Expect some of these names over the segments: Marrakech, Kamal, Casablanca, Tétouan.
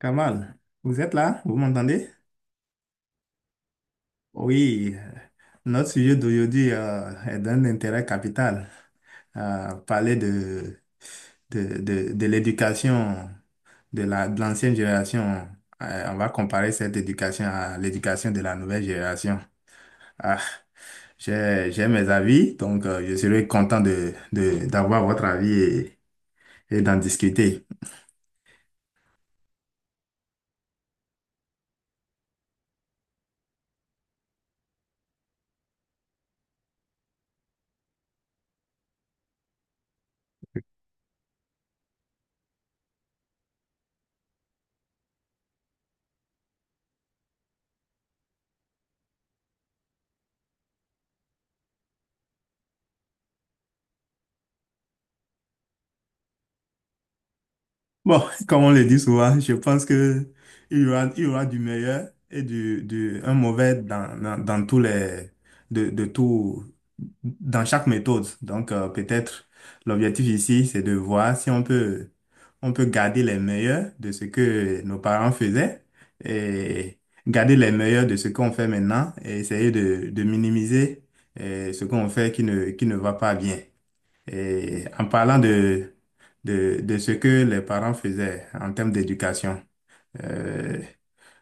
Kamal, vous êtes là? Vous m'entendez? Oui, notre sujet d'aujourd'hui est d'un intérêt capital. Parler de l'éducation de de l'ancienne génération. On va comparer cette éducation à l'éducation de la nouvelle génération. Ah, j'ai mes avis, donc je serais content d'avoir votre avis et d'en discuter. Bon, comme on le dit souvent, je pense que il y aura du meilleur et du un mauvais dans tous les de tout dans chaque méthode. Donc peut-être l'objectif ici, c'est de voir si on peut garder les meilleurs de ce que nos parents faisaient et garder les meilleurs de ce qu'on fait maintenant et essayer de minimiser ce qu'on fait qui ne va pas bien. Et en parlant de ce que les parents faisaient en termes d'éducation, euh,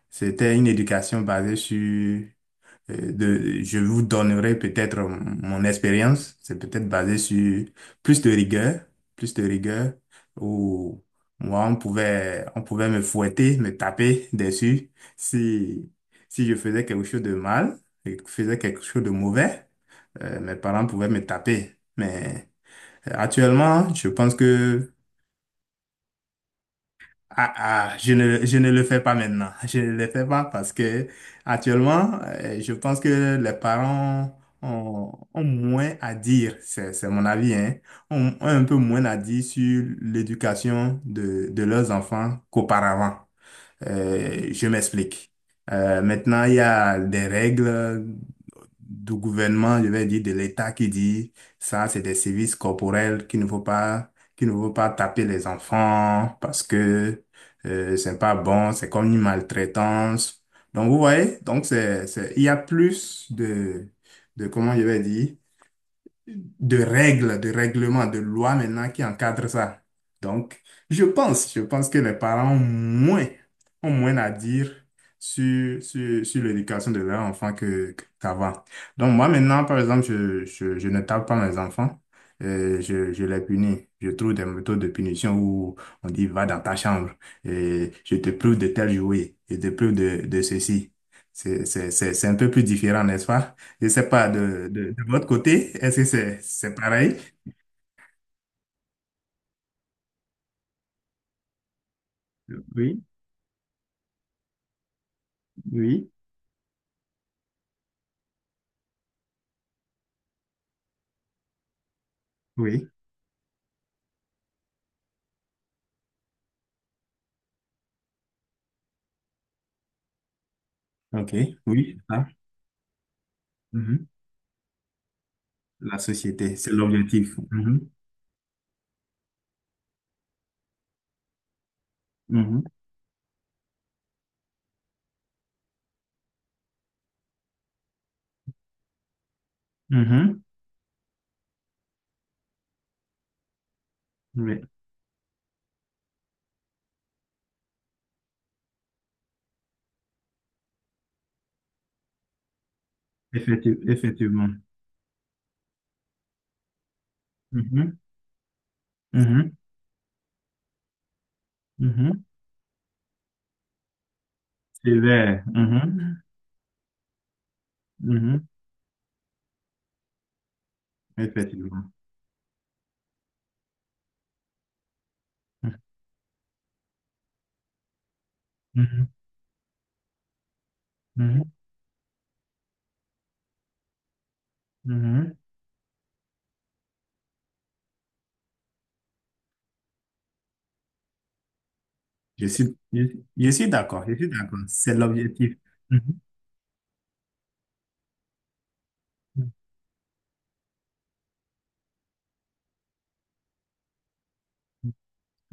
c'était une éducation basée sur, je vous donnerai peut-être mon expérience, c'est peut-être basé sur plus de rigueur, plus de rigueur, où moi, on pouvait me fouetter, me taper dessus si, si je faisais quelque chose de mal, et faisais quelque chose de mauvais, mes parents pouvaient me taper. Mais actuellement, je pense que ah, je ne le fais pas maintenant. Je ne le fais pas parce que actuellement, je pense que les parents ont moins à dire, c'est mon avis, hein, ont un peu moins à dire sur l'éducation de leurs enfants qu'auparavant. Je m'explique. Maintenant, il y a des règles du gouvernement, je vais dire de l'État, qui dit ça, c'est des services corporels, qu'il ne faut pas, qu'il ne faut pas taper les enfants parce que c'est pas bon, c'est comme une maltraitance. Donc vous voyez, donc il y a plus de, comment je vais dire, de règles, de règlements, de lois maintenant qui encadrent ça. Donc, je pense que les parents ont moins à dire sur l'éducation de leur enfant que, qu'avant. Donc, moi maintenant, par exemple, je ne tape pas mes enfants. Je les punis. Je trouve des méthodes de punition où on dit va dans ta chambre et je te prive de tel jouet, je te prive de ceci. C'est un peu plus différent, n'est-ce pas? Je ne sais pas, de votre côté, est-ce que c'est pareil? Oui, oui, oui. OK, oui, c'est ça. Mhm. La société, c'est l'objectif. Mhm, mhm, mhm. Oui, effectivement. Mhm, mhm, mhm. C'est vrai. Mhm, mhm. Effectivement. Mhm, mhm, mhm. Je suis, je, je suis d'accord, je suis d'accord. C'est l'objectif. Mhm, mhm.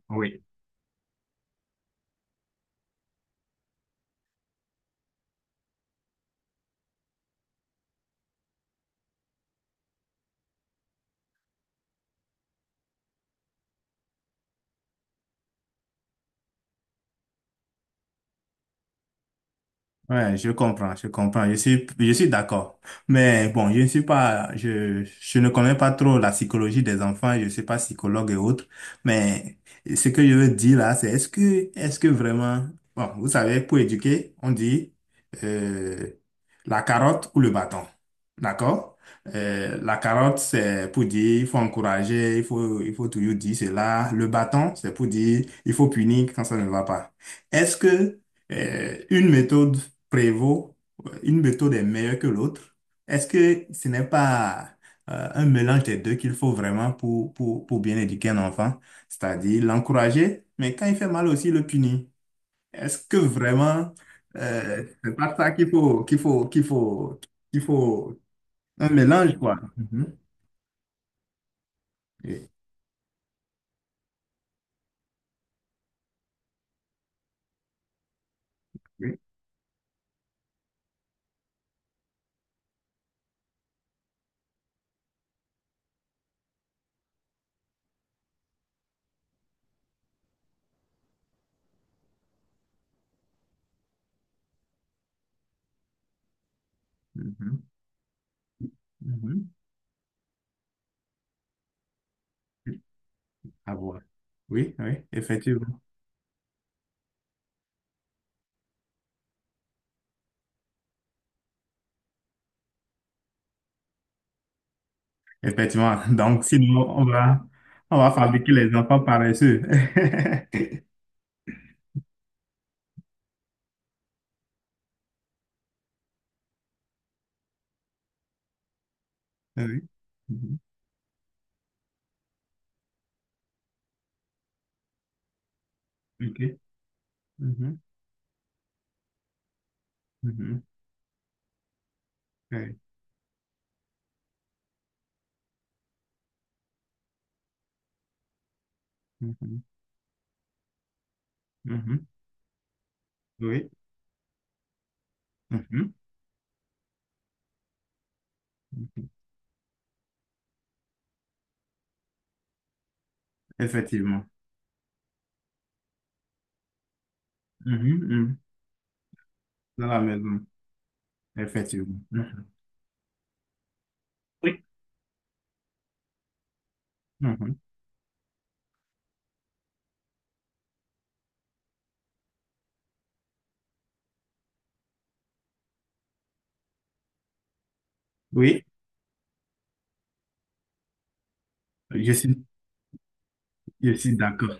Oui. Ouais, je comprends, je comprends, je suis d'accord. Mais bon, je ne connais pas trop la psychologie des enfants, je ne suis pas psychologue et autres. Mais ce que je veux dire là, c'est est-ce que vraiment, bon, vous savez, pour éduquer, on dit euh, la carotte ou le bâton, d'accord? La carotte, c'est pour dire, il faut encourager, il faut toujours dire cela. Le bâton, c'est pour dire, il faut punir quand ça ne va pas. Est-ce que une méthode prévaut, une méthode est meilleure que l'autre? Est-ce que ce n'est pas un mélange des deux qu'il faut vraiment pour bien éduquer un enfant? C'est-à-dire l'encourager, mais quand il fait mal aussi, le punir. Est-ce que vraiment c'est pas ça qu'il faut un mélange, quoi? Mhm. Oui, oui. Mhm. Mhm. mhm. À voir. Oui, oui, effectivement. Effectivement. Donc, sinon, on va fabriquer les enfants paresseux. Oui. Mhm. OK. Mhm. Mhm. Oui. Mhm. Mhm. Oui. Mhm. Effectivement. Mhm. Mhm. Dans la maison. Effectivement. Mhm. Oui. Mhm. Oui. Je suis, je suis d'accord.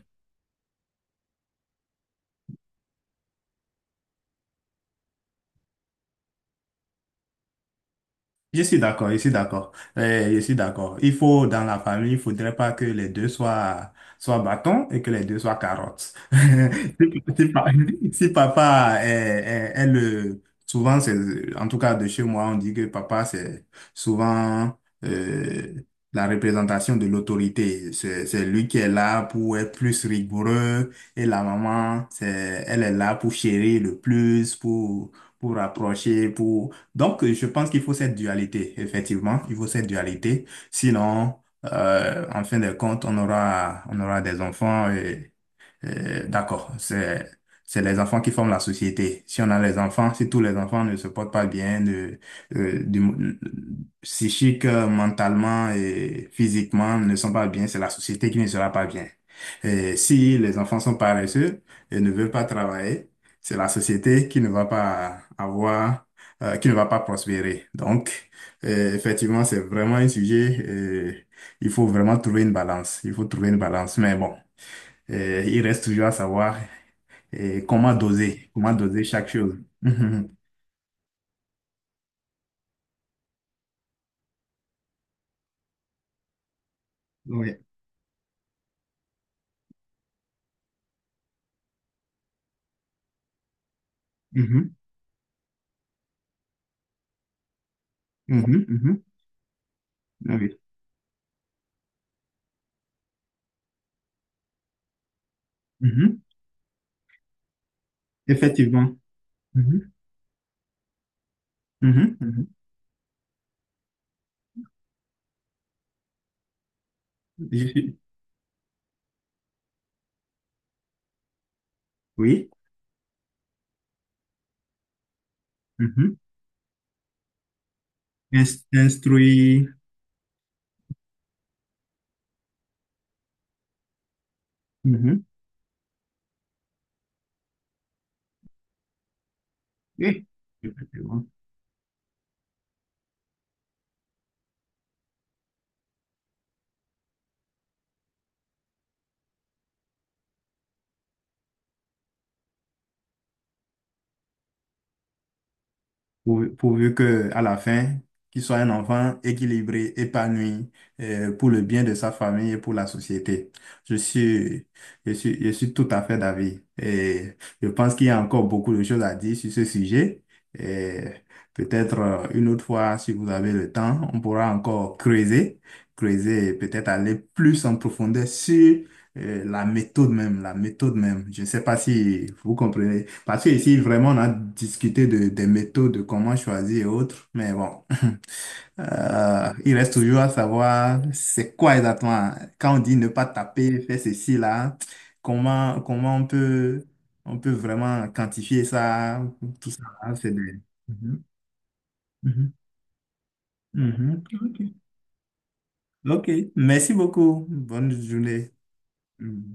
Je suis d'accord, je suis d'accord. Je suis d'accord. Il faut, dans la famille, il faudrait pas que les deux soient, soient bâtons et que les deux soient carottes. Si, si pa- Si papa est le, souvent c'est, en tout cas de chez moi, on dit que papa c'est souvent, euh, la représentation de l'autorité. C'est lui qui est là pour être plus rigoureux et la maman, c'est, elle est là pour chérir le plus, pour rapprocher, pour, donc, je pense qu'il faut cette dualité, effectivement. Il faut cette dualité. Sinon, en fin de compte, on aura des enfants. D'accord, c'est les enfants qui forment la société. Si on a les enfants, si tous les enfants ne se portent pas bien, euh, du, psychique, mentalement et physiquement ne sont pas bien, c'est la société qui ne sera pas bien. Et si les enfants sont paresseux et ne veulent pas travailler, c'est la société qui ne va pas avoir, qui ne va pas prospérer. Donc, effectivement, c'est vraiment un sujet, il faut vraiment trouver une balance. Il faut trouver une balance. Mais bon. Il reste toujours à savoir comment doser chaque chose. Mhm. Oui. Mhm. Mhm. Mhm. Ah oui. Mhm. Effectivement. Mhm. Mhm. Mhm. Je suis- Oui. Mhm. Instruire. Mhm. Oui. Pourvu, pourvu que, à la fin, qu'il soit un enfant équilibré, épanoui, pour le bien de sa famille et pour la société. Je suis, je suis tout à fait d'avis. Et je pense qu'il y a encore beaucoup de choses à dire sur ce sujet. Et peut-être une autre fois, si vous avez le temps, on pourra encore creuser, creuser et peut-être aller plus en profondeur sur la méthode même, la méthode même. Je ne sais pas si vous comprenez. Parce que ici, vraiment, on a discuté des méthodes, de comment choisir et autres. Mais bon, il reste toujours à savoir c'est quoi exactement. Quand on dit ne pas taper, faire ceci, là, comment on peut vraiment quantifier ça, tout ça. Là, c'est des- Mhm, mhm, mhm. Ok. Ok. Merci beaucoup. Bonne journée. Mm.